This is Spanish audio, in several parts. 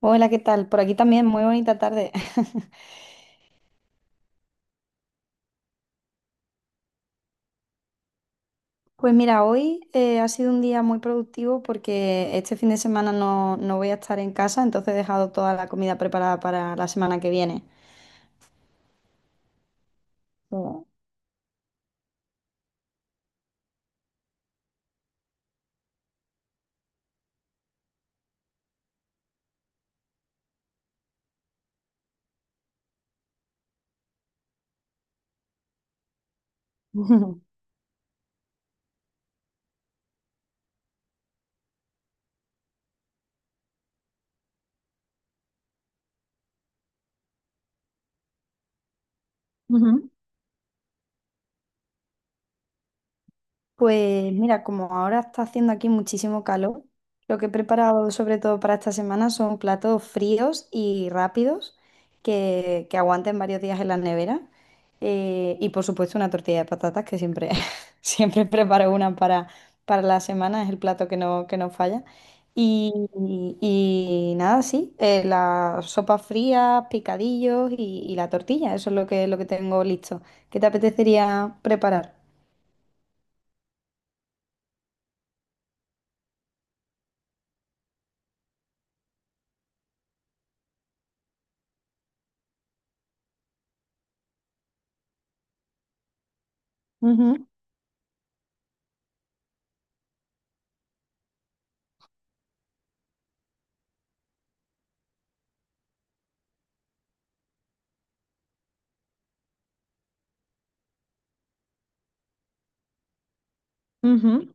Hola, ¿qué tal? Por aquí también, muy bonita tarde. Pues mira, hoy ha sido un día muy productivo porque este fin de semana no voy a estar en casa, entonces he dejado toda la comida preparada para la semana que viene. Oh. Ujú. Pues mira, como ahora está haciendo aquí muchísimo calor, lo que he preparado sobre todo para esta semana son platos fríos y rápidos que aguanten varios días en la nevera. Y por supuesto una tortilla de patatas que siempre, siempre preparo una para la semana, es el plato que que no falla. Y, y nada, sí, las sopas frías, picadillos y la tortilla, eso es lo lo que tengo listo. ¿Qué te apetecería preparar? Ujú, ujú.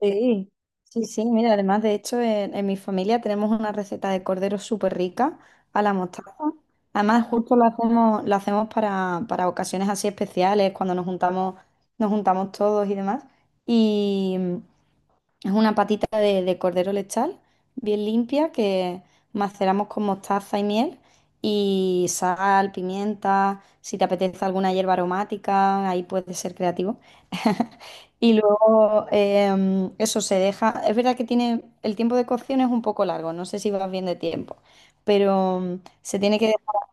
Sí, sí, mira, además de hecho en mi familia tenemos una receta de cordero súper rica a la mostaza. Además justo la hacemos para ocasiones así especiales, cuando nos juntamos todos y demás. Es una patita de cordero lechal, bien limpia, que maceramos con mostaza y miel y sal, pimienta, si te apetece alguna hierba aromática, ahí puedes ser creativo. Y luego eso se deja. Es verdad que tiene el tiempo de cocción es un poco largo, no sé si vas bien de tiempo, pero se tiene que dejar.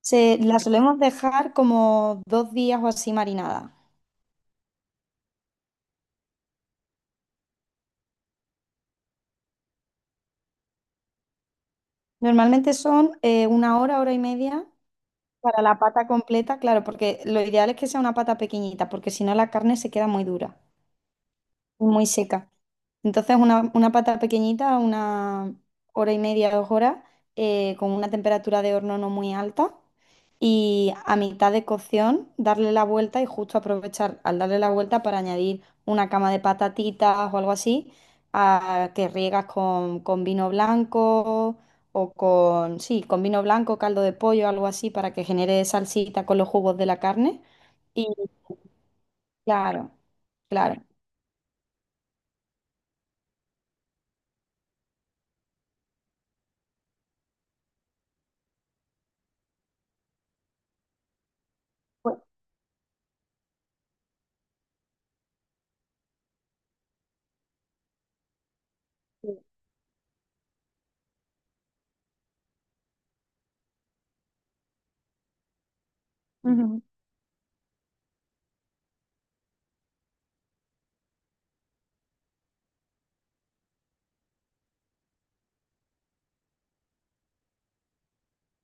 La solemos dejar como dos días o así marinada. Normalmente son una hora, hora y media. Para la pata completa, claro, porque lo ideal es que sea una pata pequeñita, porque si no la carne se queda muy dura y muy seca. Entonces, una pata pequeñita, una hora y media, dos horas, con una temperatura de horno no muy alta. Y a mitad de cocción, darle la vuelta y justo aprovechar al darle la vuelta para añadir una cama de patatitas o algo así, a, que riegas con vino blanco o con, sí, con vino blanco, caldo de pollo, algo así, para que genere salsita con los jugos de la carne. Y claro, claro. Pues, sí.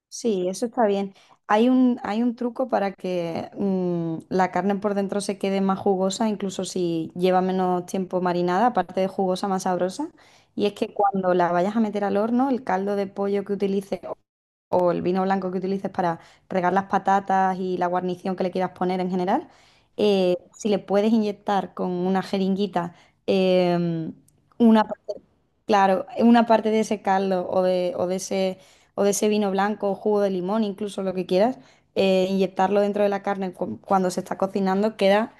Sí, eso está bien. Hay un truco para que la carne por dentro se quede más jugosa, incluso si lleva menos tiempo marinada, aparte de jugosa, más sabrosa. Y es que cuando la vayas a meter al horno, el caldo de pollo que utilices o el vino blanco que utilices para regar las patatas y la guarnición que le quieras poner en general, si le puedes inyectar con una jeringuita em, una parte, claro, una parte de ese caldo o de ese vino blanco o jugo de limón, incluso lo que quieras, inyectarlo dentro de la carne cuando se está cocinando, queda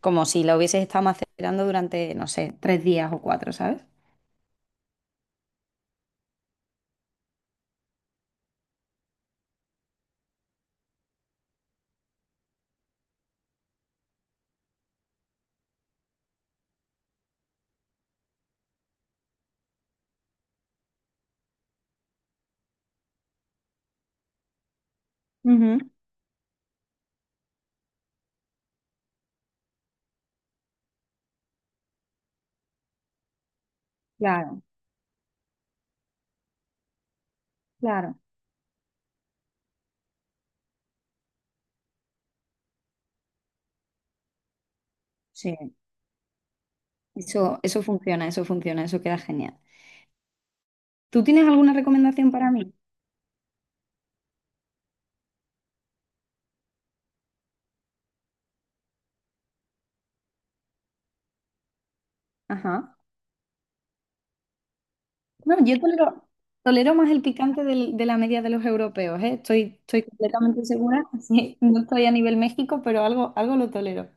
como si lo hubieses estado macerando durante, no sé, tres días o cuatro, ¿sabes? Ujú. Claro, claro, sí. Eso funciona, eso funciona, eso queda genial. ¿Tú tienes alguna recomendación para mí? Ajá. No, yo tolero, tolero más el picante de la media de los europeos, ¿eh? Estoy, estoy completamente segura. Sí, no estoy a nivel México, pero algo, algo lo tolero.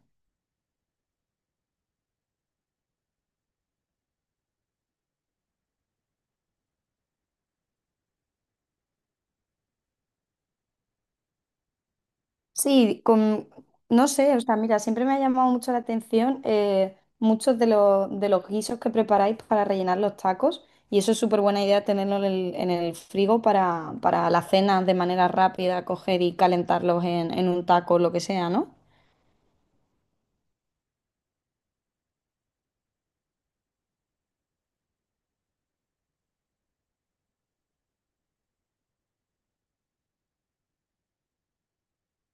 Sí, con, no sé, o sea, mira, siempre me ha llamado mucho la atención muchos de de los guisos que preparáis para rellenar los tacos y eso es súper buena idea tenerlo en el frigo para las cenas de manera rápida, coger y calentarlos en un taco, o lo que sea, ¿no?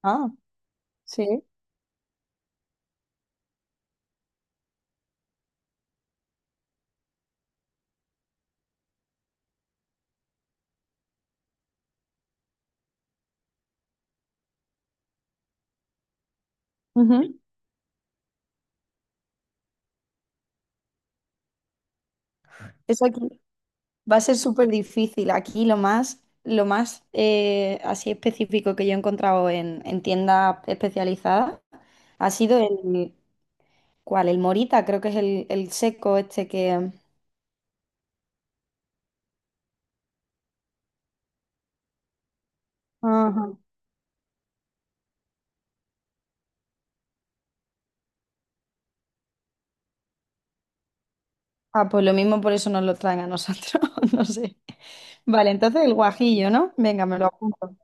Ah, sí. Ujú. Eso aquí va a ser súper difícil. Aquí lo más así específico que yo he encontrado en tiendas especializadas ha sido el, ¿Cuál? El morita, creo que es el seco este que... Ajá. Ah, pues lo mismo por eso nos lo traen a nosotros, no sé. Vale, entonces el guajillo, ¿no? Venga, me lo apunto.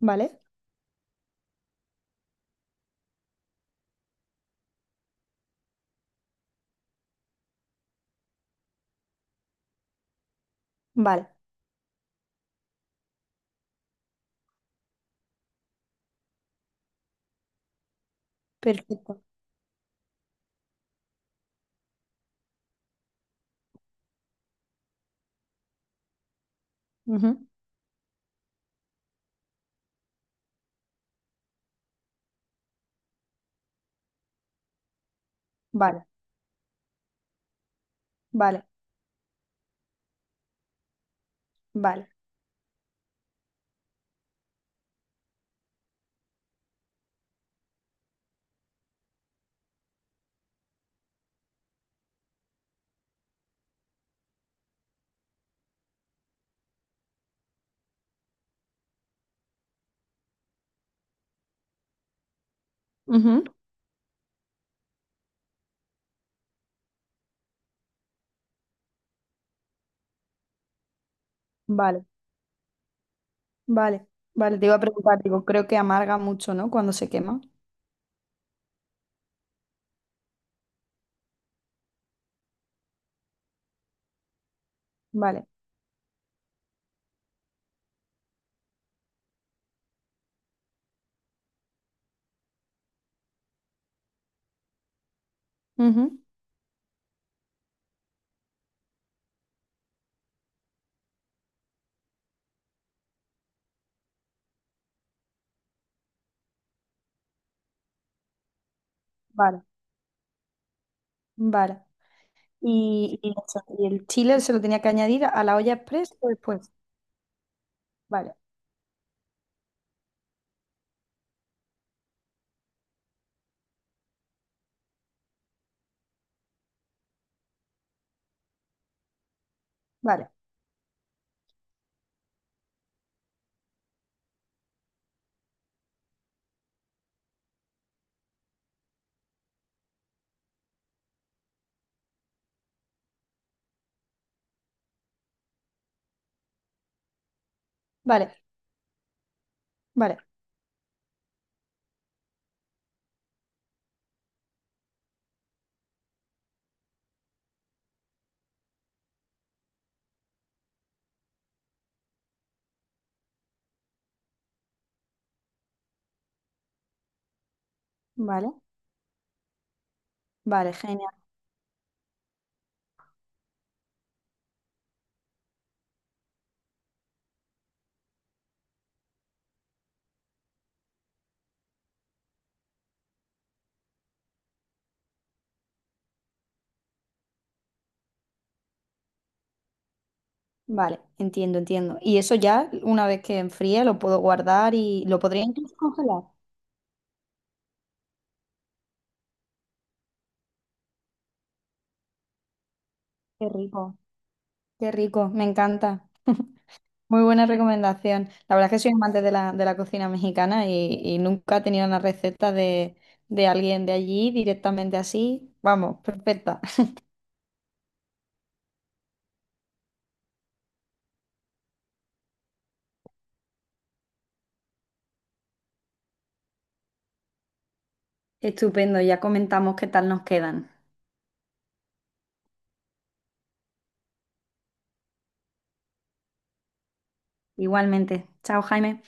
¿Vale? Vale, perfecto. Ujú. Vale, vale, vale. Ujú. Vale, vale, vale. Te iba a preguntar, digo, creo que amarga mucho, ¿no? Cuando se quema. Vale. Ujú. Vale, vale. Y eso, y el chile se lo tenía que añadir a la olla express o después. Vale, vale, vale, vale, vale. Vale, genial. Vale, entiendo, entiendo. Y eso ya, una vez que enfríe, lo puedo guardar y lo podría incluso congelar. Qué rico. Qué rico, me encanta. Muy buena recomendación. La verdad es que soy amante de de la cocina mexicana y nunca he tenido una receta de alguien de allí directamente así. Vamos, perfecta. Estupendo, ya comentamos qué tal nos quedan. Igualmente. Chao, Jaime.